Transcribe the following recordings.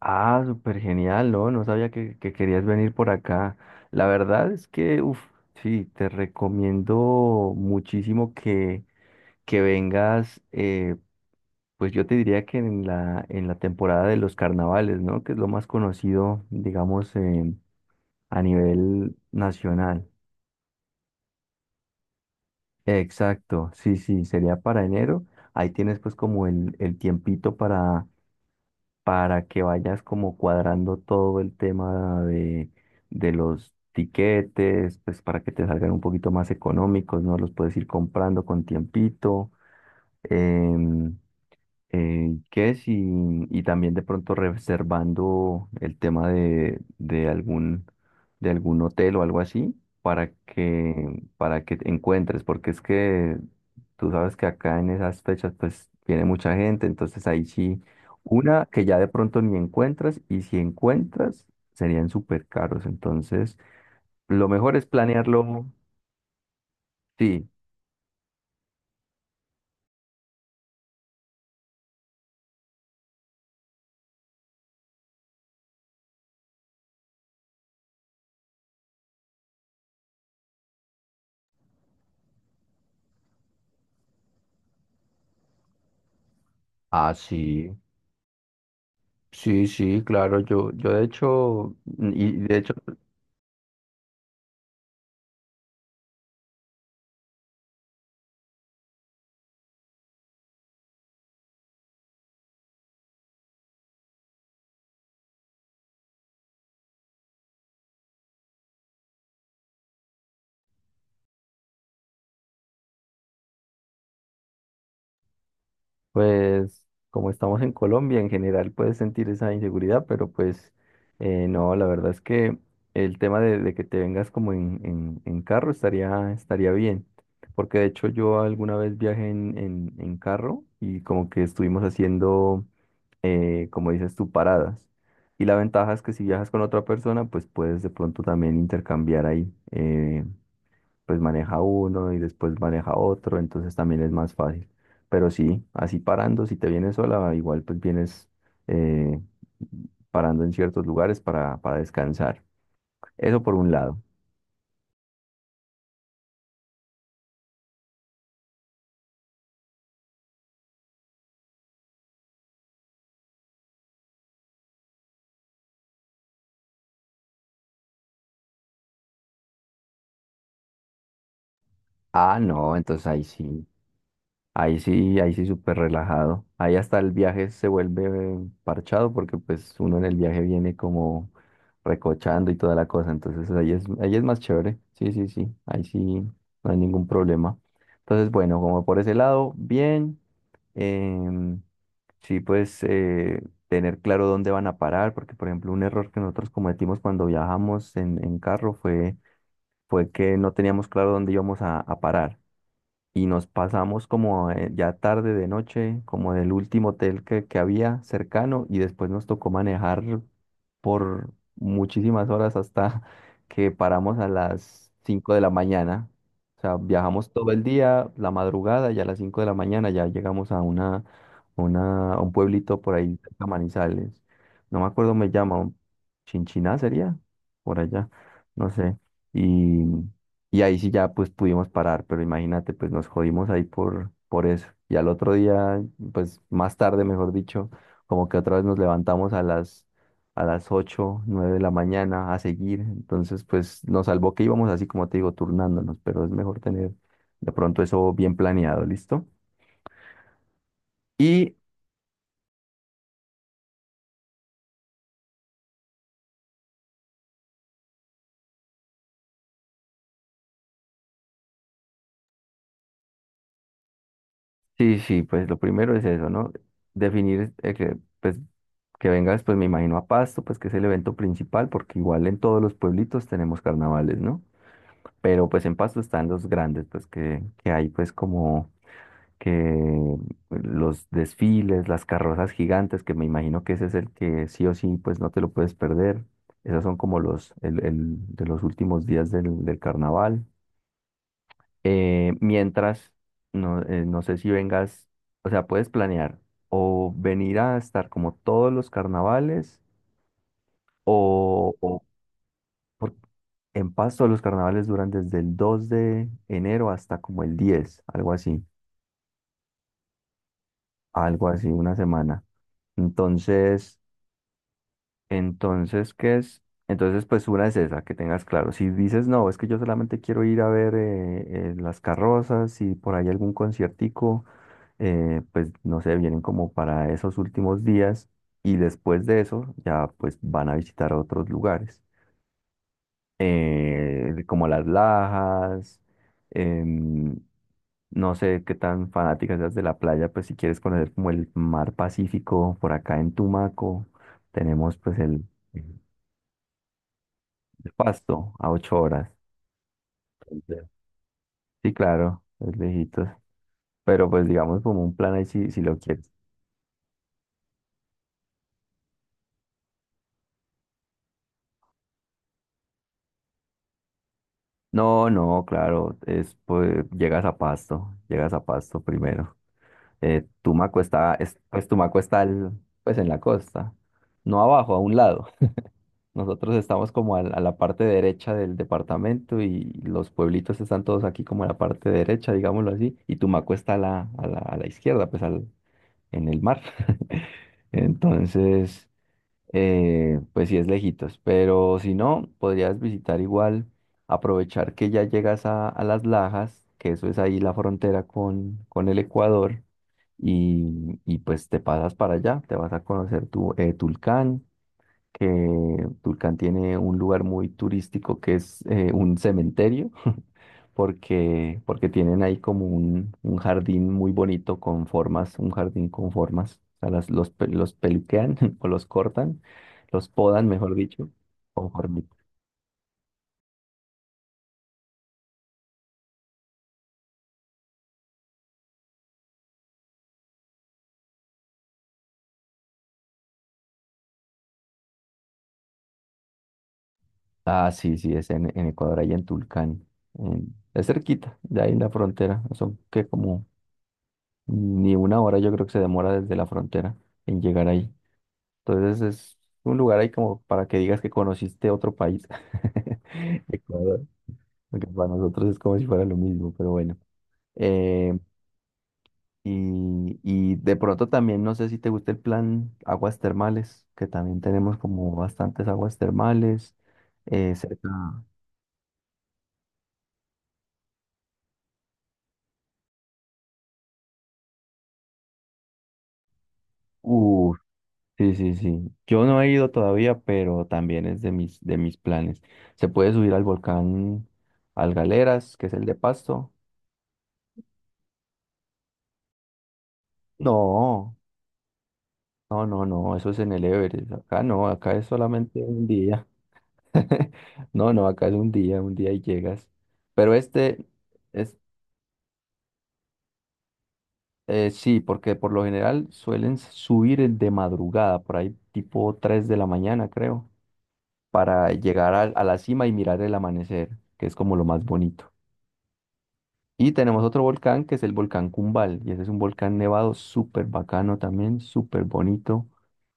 Ah, súper genial, ¿no? No sabía que querías venir por acá. La verdad es que, uff, sí, te recomiendo muchísimo que vengas, pues yo te diría que en la temporada de los carnavales, ¿no? Que es lo más conocido, digamos, a nivel nacional. Exacto, sí, sí, sería para enero. Ahí tienes pues como el tiempito para que vayas como cuadrando todo el tema de los tiquetes, pues para que te salgan un poquito más económicos, ¿no? Los puedes ir comprando con tiempito. em, ¿Qué es? Y también de pronto reservando el tema de algún, de algún hotel o algo así para que te encuentres, porque es que tú sabes que acá en esas fechas pues viene mucha gente, entonces ahí sí, una que ya de pronto ni encuentras y si encuentras serían súper caros, entonces lo mejor es planearlo, sí. Ah, sí, sí, sí, claro, yo de hecho, y de hecho. Pues como estamos en Colombia, en general puedes sentir esa inseguridad, pero pues no, la verdad es que el tema de que te vengas como en carro estaría, bien, porque de hecho yo alguna vez viajé en carro y como que estuvimos haciendo, como dices tú, paradas. Y la ventaja es que si viajas con otra persona, pues puedes de pronto también intercambiar ahí. Pues maneja uno y después maneja otro, entonces también es más fácil. Pero sí, así parando, si te vienes sola, igual pues vienes eh, parando en ciertos lugares para descansar. Eso por un lado. Ah, no, entonces ahí sí. Ahí sí, ahí sí súper relajado. Ahí hasta el viaje se vuelve parchado porque pues uno en el viaje viene como recochando y toda la cosa. Entonces ahí es más chévere. Sí, sí, sí. Ahí sí no hay ningún problema. Entonces, bueno, como por ese lado, bien. Em, sí, pues tener claro dónde van a parar, porque por ejemplo un error que nosotros cometimos cuando viajamos en carro fue, que no teníamos claro dónde íbamos a parar y nos pasamos como ya tarde de noche, como del último hotel que había cercano y después nos tocó manejar por muchísimas horas hasta que paramos a las 5 de la mañana. O sea, viajamos todo el día, la madrugada y a las 5 de la mañana ya llegamos a una, a un pueblito por ahí, cerca de Manizales. No me acuerdo, me llama, Chinchiná sería, por allá, no sé. y y ahí sí ya pues pudimos parar, pero imagínate, pues nos jodimos ahí por eso. Y al otro día, pues más tarde, mejor dicho, como que otra vez nos levantamos a las 8 9 de la mañana a seguir. Entonces, pues nos salvó que íbamos así, como te digo, turnándonos, pero es mejor tener de pronto eso bien planeado, ¿listo? Y sí, sí, pues lo primero es eso, ¿no? Definir pues, que vengas, pues me imagino a Pasto, pues que es el evento principal, porque igual en todos los pueblitos tenemos carnavales, ¿no? Pero pues en Pasto están los grandes, pues que hay pues como que los desfiles, las carrozas gigantes, que me imagino que ese es el que sí o sí pues no te lo puedes perder. Esos son como el de los últimos días del carnaval. Mientras, no, no sé si vengas, o sea, puedes planear o venir a estar como todos los carnavales o, o- En Pasto los carnavales duran desde el 2 de enero hasta como el 10, algo así, una semana. Entonces, entonces, ¿qué es? Entonces, pues una es esa, que tengas claro. Si dices, no, es que yo solamente quiero ir a ver las carrozas y por ahí algún conciertico, pues no sé, vienen como para esos últimos días y después de eso ya pues van a visitar otros lugares, como las Lajas. em, No sé qué tan fanática seas de la playa, pues si quieres conocer como el mar Pacífico, por acá en Tumaco tenemos pues el Pasto a 8 horas. Entonces, sí, claro, es lejitos. Pero pues digamos como un plan ahí si lo quieres. No, no, claro, es pues llegas a Pasto primero. Tumaco está, pues Tumaco está pues en la costa, no abajo, a un lado. Nosotros estamos como a, la parte derecha del departamento y los pueblitos están todos aquí como en la parte derecha, digámoslo así, y Tumaco está a la izquierda, pues en el mar. Entonces, pues sí es lejitos, pero si no, podrías visitar igual, aprovechar que ya llegas a Las Lajas, que eso es ahí la frontera con el Ecuador, y pues te pasas para allá, te vas a conocer Tulcán, que Tulcán tiene un lugar muy turístico que es un cementerio, porque, tienen ahí como un jardín muy bonito con formas, un jardín con formas, o sea, los peluquean o los cortan, los podan, mejor dicho, con formitas. Ah, sí, sí, es en Ecuador, ahí en Tulcán, es cerquita, de ahí en la frontera, son que como ni una hora yo creo que se demora desde la frontera en llegar ahí. Entonces es un lugar ahí como para que digas que conociste otro país. Ecuador, porque para nosotros es como si fuera lo mismo, pero bueno. Eh, y de pronto también no sé si te gusta el plan aguas termales, que también tenemos como bastantes aguas termales cerca. Uh, sí, sí, sí. Yo no he ido todavía, pero también es de mis planes. Se puede subir al volcán Algaleras, que es el de Pasto. No. No, no, no, eso es en el Everest. Acá no, acá es solamente un día. No, no, acá es un día y llegas. Pero este es sí, porque por lo general suelen subir el de madrugada, por ahí tipo 3 de la mañana, creo, para llegar a, la cima y mirar el amanecer, que es como lo más bonito. Y tenemos otro volcán que es el volcán Cumbal, y ese es un volcán nevado súper bacano también, súper bonito.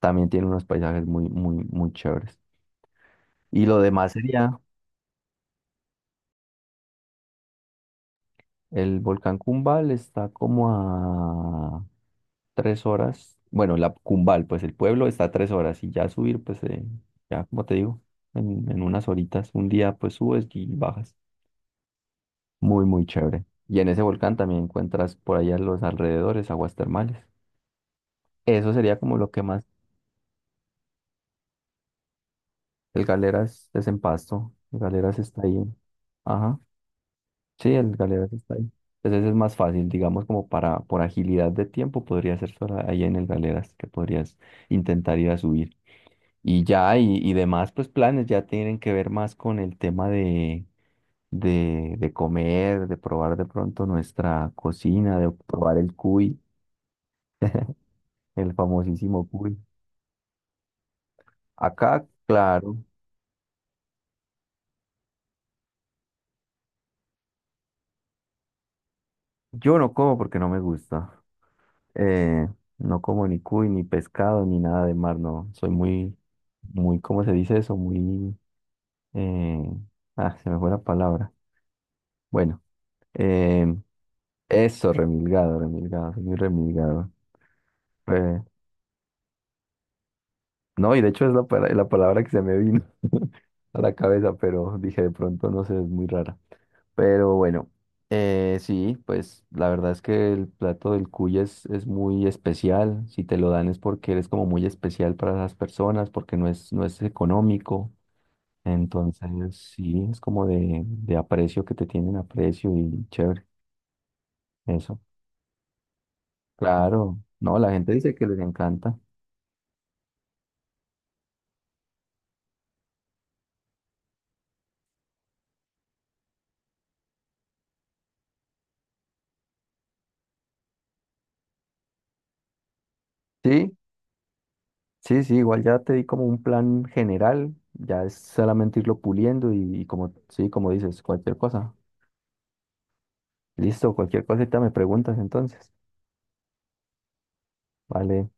También tiene unos paisajes muy, muy, muy chéveres. Y lo demás sería. El volcán Cumbal está como a 3 horas. Bueno, la Cumbal, pues el pueblo está a 3 horas y ya subir, pues ya como te digo, en unas horitas, un día pues subes y bajas. Muy, muy chévere. Y en ese volcán también encuentras por allá en los alrededores aguas termales. Eso sería como lo que más. El Galeras es en Pasto. El Galeras está ahí. Ajá. Sí, el Galeras está ahí. Entonces es más fácil, digamos, como para, por agilidad de tiempo, podría ser solo ahí en el Galeras, que podrías intentar ir a subir. Y ya, y demás, pues planes ya tienen que ver más con el tema de, de comer, de probar de pronto nuestra cocina, de probar el cuy, el famosísimo cuy. Acá, claro, yo no como porque no me gusta. Eh, no como ni cuy, ni pescado, ni nada de mar, no. Soy muy muy, ¿cómo se dice eso? Muy Eh, se me fue la palabra. Bueno, eh, eso, remilgado, remilgado, soy muy remilgado. Eh, no, y de hecho es la, la palabra que se me vino a la cabeza, pero dije de pronto, no sé, es muy rara. Pero bueno, sí, pues la verdad es que el plato del cuy es, muy especial. Si te lo dan es porque eres como muy especial para las personas, porque no es, económico. Entonces, sí, es como de aprecio que te tienen aprecio y chévere. Eso, claro. No, la gente dice que les encanta. Sí, sí, sí, igual ya te di como un plan general, ya es solamente irlo puliendo y como, sí, como dices, cualquier cosa. Listo, cualquier cosita me preguntas entonces. Vale.